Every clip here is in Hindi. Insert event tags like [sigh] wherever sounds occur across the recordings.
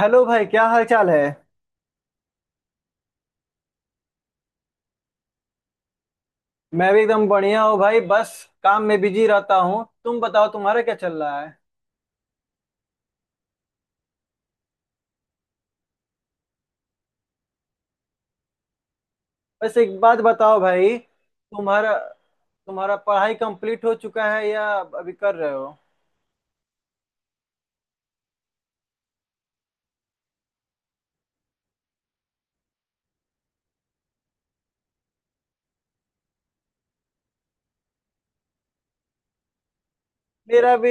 हेलो भाई क्या हाल चाल है। मैं भी एकदम बढ़िया हूँ भाई बस काम में बिजी रहता हूँ। तुम बताओ तुम्हारा क्या चल रहा है। वैसे एक बात बताओ भाई तुम्हारा तुम्हारा पढ़ाई कंप्लीट हो चुका है या अभी कर रहे हो। मेरा भी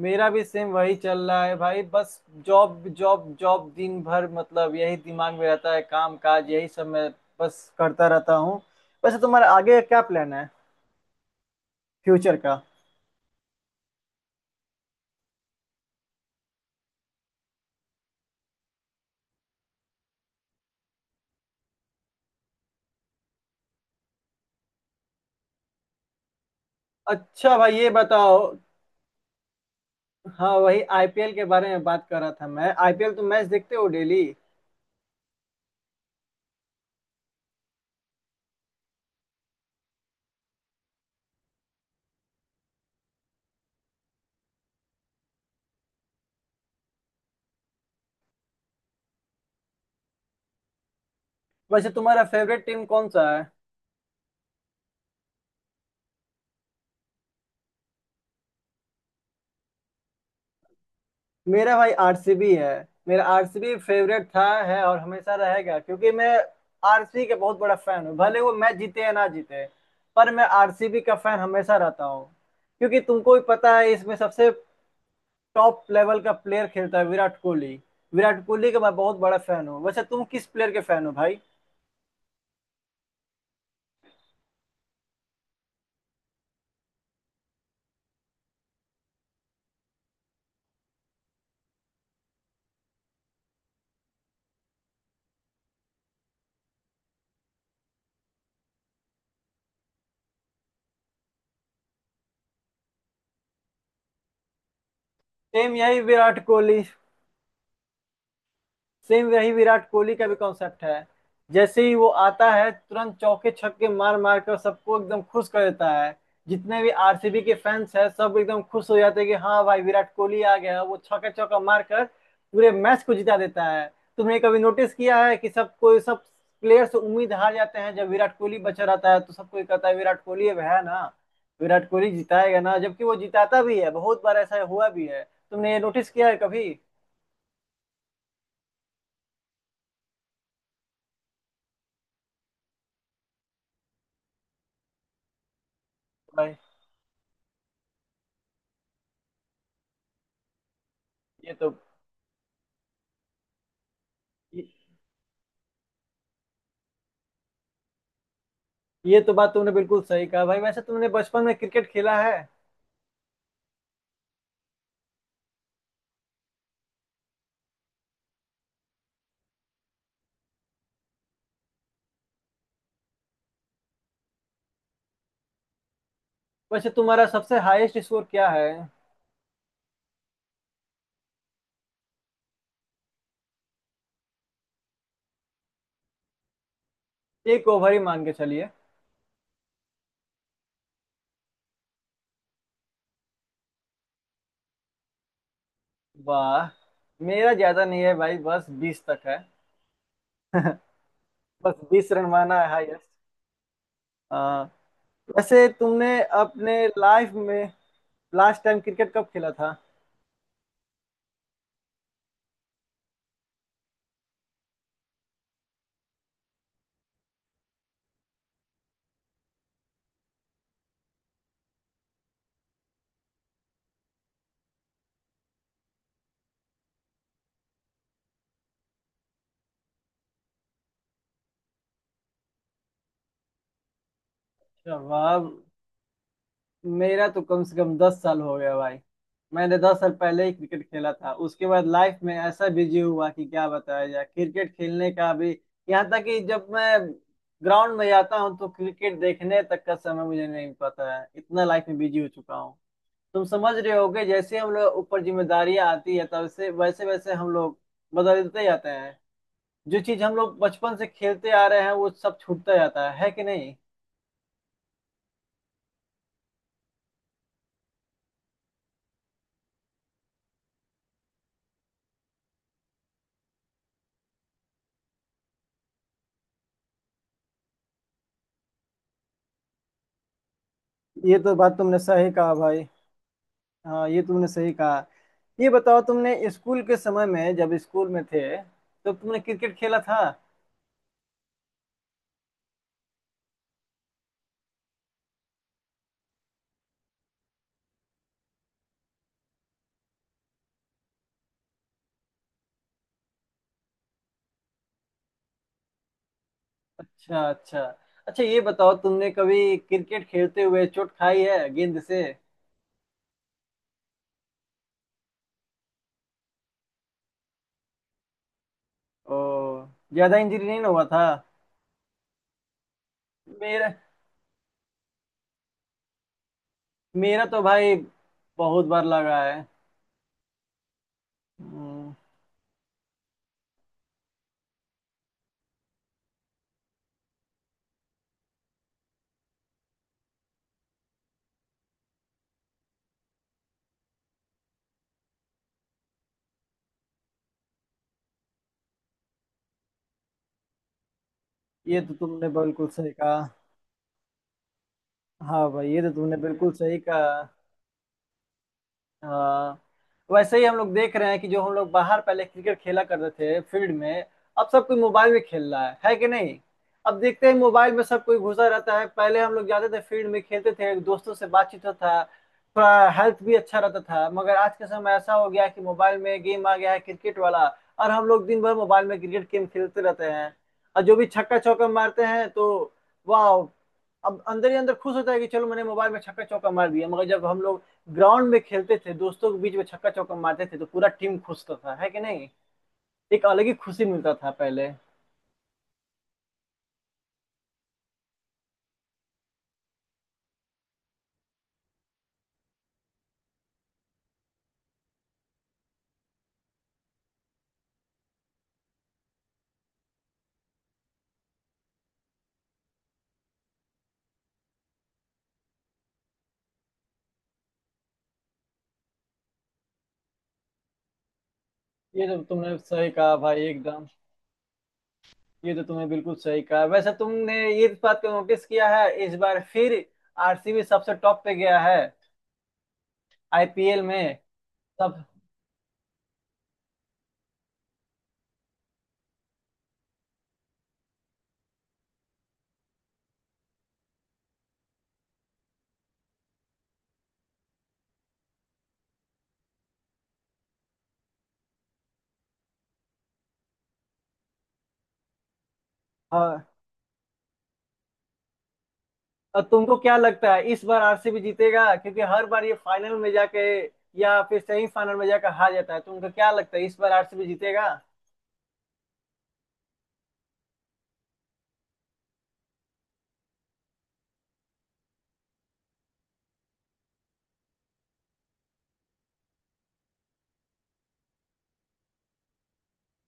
मेरा भी सेम वही चल रहा है भाई। बस जॉब जॉब जॉब दिन भर मतलब यही दिमाग में रहता है काम काज यही सब मैं बस करता रहता हूँ। वैसे तुम्हारा आगे का क्या प्लान है फ्यूचर का। अच्छा भाई ये बताओ। हाँ वही आईपीएल के बारे में बात कर रहा था मैं। आईपीएल तुम मैच देखते हो डेली। वैसे तुम्हारा फेवरेट टीम कौन सा है। मेरा भाई आरसीबी है। मेरा आरसीबी फेवरेट था, है और हमेशा रहेगा क्योंकि मैं आरसीबी के बहुत बड़ा फैन हूँ, भले वो मैच जीते या ना जीते। पर मैं आरसीबी का फैन हमेशा रहता हूँ, क्योंकि तुमको भी पता है इसमें सबसे टॉप लेवल का प्लेयर खेलता है विराट कोहली। विराट कोहली का मैं बहुत बड़ा फैन हूँ। वैसे तुम किस प्लेयर के फैन हो भाई। सेम यही विराट कोहली सेम वही विराट कोहली का भी कॉन्सेप्ट है। जैसे ही वो आता है तुरंत चौके छक्के मार मार कर सबको एकदम खुश कर देता है। जितने भी आरसीबी के फैंस हैं सब एकदम खुश हो जाते हैं कि हाँ भाई विराट कोहली आ गया, वो छक्का चौका मार कर पूरे मैच को जिता देता है। तुमने कभी नोटिस किया है कि सब कोई, सब प्लेयर्स उम्मीद हार जाते हैं, जब विराट कोहली बचा रहता है तो सब कोई कहता है विराट कोहली अब है ना। विराट कोहली जिताएगा ना, जबकि वो जिताता भी है, बहुत बार ऐसा हुआ भी है। तुमने ये नोटिस किया है कभी भाई। ये तो ये, ये तो बात तुमने बिल्कुल सही कहा भाई। वैसे तुमने बचपन में क्रिकेट खेला है। वैसे तुम्हारा सबसे हाईएस्ट स्कोर क्या है। एक ओवर ही मान के चलिए। वाह। मेरा ज्यादा नहीं है भाई बस 20 तक है। बस 20 रन मारना है हाईएस्ट। हाँ। वैसे तुमने अपने लाइफ में लास्ट टाइम क्रिकेट कब खेला था। अच्छा, वाह। मेरा तो कम से कम 10 साल हो गया भाई। मैंने 10 साल पहले ही क्रिकेट खेला था, उसके बाद लाइफ में ऐसा बिजी हुआ कि क्या बताया जाए, क्रिकेट खेलने का भी। यहाँ तक कि जब मैं ग्राउंड में जाता हूँ तो क्रिकेट देखने तक का समय मुझे नहीं, पता है इतना लाइफ में बिजी हो चुका हूँ। तुम समझ रहे होगे, जैसे हम लोग ऊपर जिम्मेदारियां आती है तब से वैसे वैसे हम लोग बदलते जाते हैं। जो चीज हम लोग बचपन से खेलते आ रहे हैं वो सब छूटता जाता है कि नहीं। ये तो बात तुमने सही कहा भाई। हाँ ये तुमने सही कहा। ये बताओ तुमने स्कूल के समय में जब स्कूल में थे तो तुमने क्रिकेट खेला था। अच्छा अच्छा। अच्छा ये बताओ तुमने कभी क्रिकेट खेलते हुए चोट खाई है गेंद से। ओ। ज्यादा इंजरी नहीं ना हुआ था। मेरा मेरा तो भाई बहुत बार लगा है। हम्म। ये तो तुमने बिल्कुल सही कहा। हाँ भाई ये तो तुमने बिल्कुल सही कहा। हाँ वैसे ही हम लोग देख रहे हैं कि जो हम लोग बाहर पहले क्रिकेट खेला करते थे फील्ड में, अब सब कोई मोबाइल में खेल रहा है कि नहीं। अब देखते हैं मोबाइल में सब कोई घुसा रहता है, पहले हम लोग जाते थे फील्ड में, खेलते थे, दोस्तों से बातचीत होता था, थोड़ा हेल्थ भी अच्छा रहता था। मगर आज के समय ऐसा हो गया है कि मोबाइल में गेम आ गया है क्रिकेट वाला, और हम लोग दिन भर मोबाइल में क्रिकेट गेम खेलते रहते हैं। और जो भी छक्का चौका मारते हैं तो वाह, अब अंदर ही अंदर खुश होता है कि चलो मैंने मोबाइल में छक्का चौका मार दिया। मगर जब हम लोग ग्राउंड में खेलते थे दोस्तों के बीच में छक्का चौका मारते थे तो पूरा टीम खुश होता था, है कि नहीं। एक अलग ही खुशी मिलता था पहले। ये तो तुमने सही कहा भाई एकदम। ये तो तुमने बिल्कुल सही कहा। वैसे तुमने ये बात को नोटिस किया है, इस बार फिर आरसीबी सबसे टॉप पे गया है आईपीएल में सब। हाँ। और तुमको क्या लगता है इस बार आरसीबी जीतेगा, क्योंकि हर बार ये फाइनल में जाके या फिर सेमीफाइनल में जाकर हार जाता है। तुमको क्या लगता है इस बार आरसीबी जीतेगा।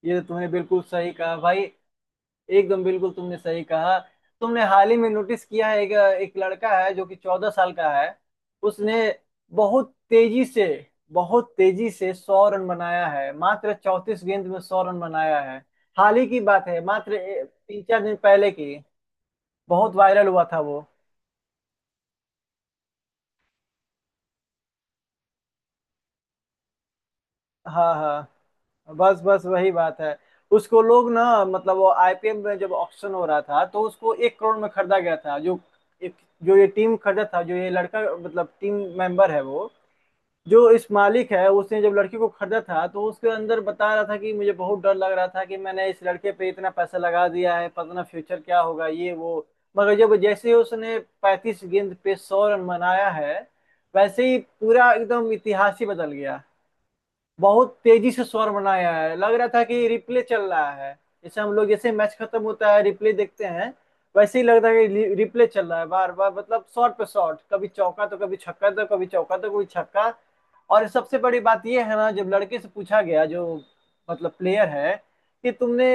ये तो तुमने बिल्कुल सही कहा भाई एकदम बिल्कुल, तुमने सही कहा। तुमने हाल ही में नोटिस किया है, एक, एक लड़का है जो कि 14 साल का है। उसने बहुत तेजी से बहुत तेजी से 100 रन बनाया है, मात्र 34 गेंद में 100 रन बनाया है। हाल ही की बात है, मात्र तीन चार दिन पहले की। बहुत वायरल हुआ था वो। हाँ, हाँ। बस बस वही बात है। उसको लोग ना, मतलब वो आईपीएल में जब ऑक्शन हो रहा था तो उसको 1 करोड़ में खरीदा गया था। जो एक जो ये टीम खरीदा था, जो ये लड़का मतलब टीम मेंबर है वो, जो इस मालिक है उसने जब लड़के को खरीदा था तो उसके अंदर बता रहा था कि मुझे बहुत डर लग रहा था कि मैंने इस लड़के पे इतना पैसा लगा दिया है, पता ना फ्यूचर क्या होगा, ये वो। मगर जब, जैसे ही उसने 35 गेंद पे 100 रन बनाया है वैसे ही पूरा एकदम इतिहास ही बदल गया। बहुत तेजी से स्वर बनाया है, लग रहा था कि रिप्ले चल रहा है। जैसे हम लोग, जैसे मैच खत्म होता है रिप्ले देखते हैं, वैसे ही लग रहा है कि रिप्ले चल रहा है बार बार। मतलब शॉट पे शॉट, कभी चौका तो कभी छक्का, तो कभी चौका तो कभी छक्का। और सबसे बड़ी बात ये है ना, जब लड़के से पूछा गया, जो मतलब प्लेयर है, कि तुमने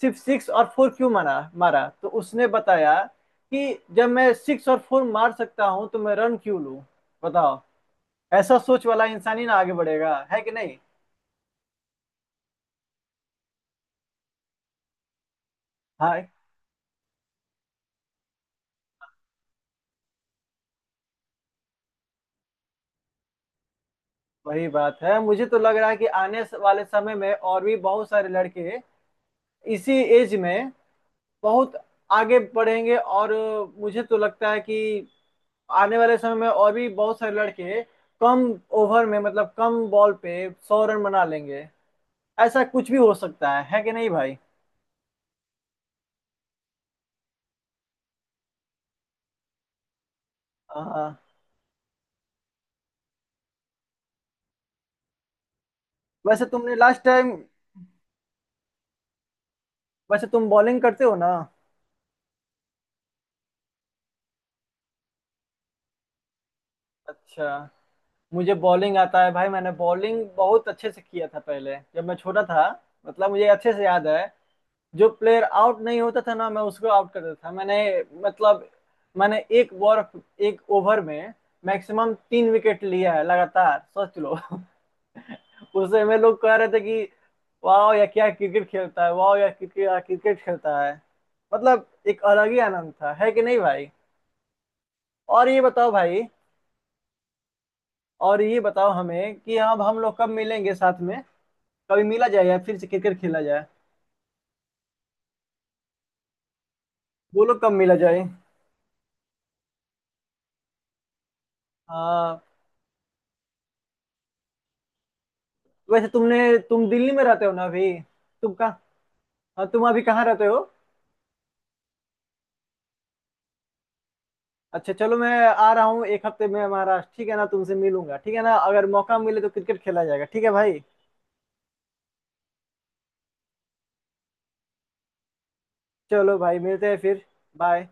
सिर्फ सिक्स और फोर क्यों मारा मारा तो उसने बताया कि जब मैं सिक्स और फोर मार सकता हूँ तो मैं रन क्यों लूँ। बताओ। ऐसा सोच वाला इंसान ही ना आगे बढ़ेगा, है कि नहीं। हाँ वही बात है। मुझे तो लग रहा है कि आने वाले समय में और भी बहुत सारे लड़के इसी एज में बहुत आगे बढ़ेंगे। और मुझे तो लगता है कि आने वाले समय में और भी बहुत सारे लड़के कम ओवर में मतलब कम बॉल पे 100 रन बना लेंगे। ऐसा कुछ भी हो सकता है कि नहीं भाई। हाँ वैसे तुमने लास्ट टाइम। वैसे तुम बॉलिंग करते हो ना। अच्छा। मुझे बॉलिंग आता है भाई, मैंने बॉलिंग बहुत अच्छे से किया था पहले, जब मैं छोटा था। मतलब मुझे अच्छे से याद है, जो प्लेयर आउट नहीं होता था ना, मैं उसको आउट कर देता था। मैंने मतलब मैंने एक बॉल, एक ओवर में मैक्सिमम 3 विकेट लिया है लगातार, सोच लो। [laughs] उस समय लोग कह रहे थे कि वाह या क्या क्रिकेट खेलता है, वाह या क्रिकेट क्रिकेट खेलता है। मतलब एक अलग ही आनंद था, है कि नहीं भाई। और ये बताओ भाई, और ये बताओ हमें कि अब हम लोग कब मिलेंगे साथ में। कभी मिला जाए या फिर से क्रिकेट खेला जाए। बोलो कब मिला जाए। हाँ वैसे तुमने। तुम दिल्ली में रहते हो ना अभी। तुम कहाँ। हाँ, तुम अभी कहाँ रहते हो। अच्छा चलो, मैं आ रहा हूँ एक हफ्ते में महाराष्ट्र, ठीक है ना, तुमसे मिलूंगा, ठीक है ना, अगर मौका मिले तो क्रिकेट खेला जाएगा, ठीक है भाई। चलो भाई मिलते हैं फिर। बाय।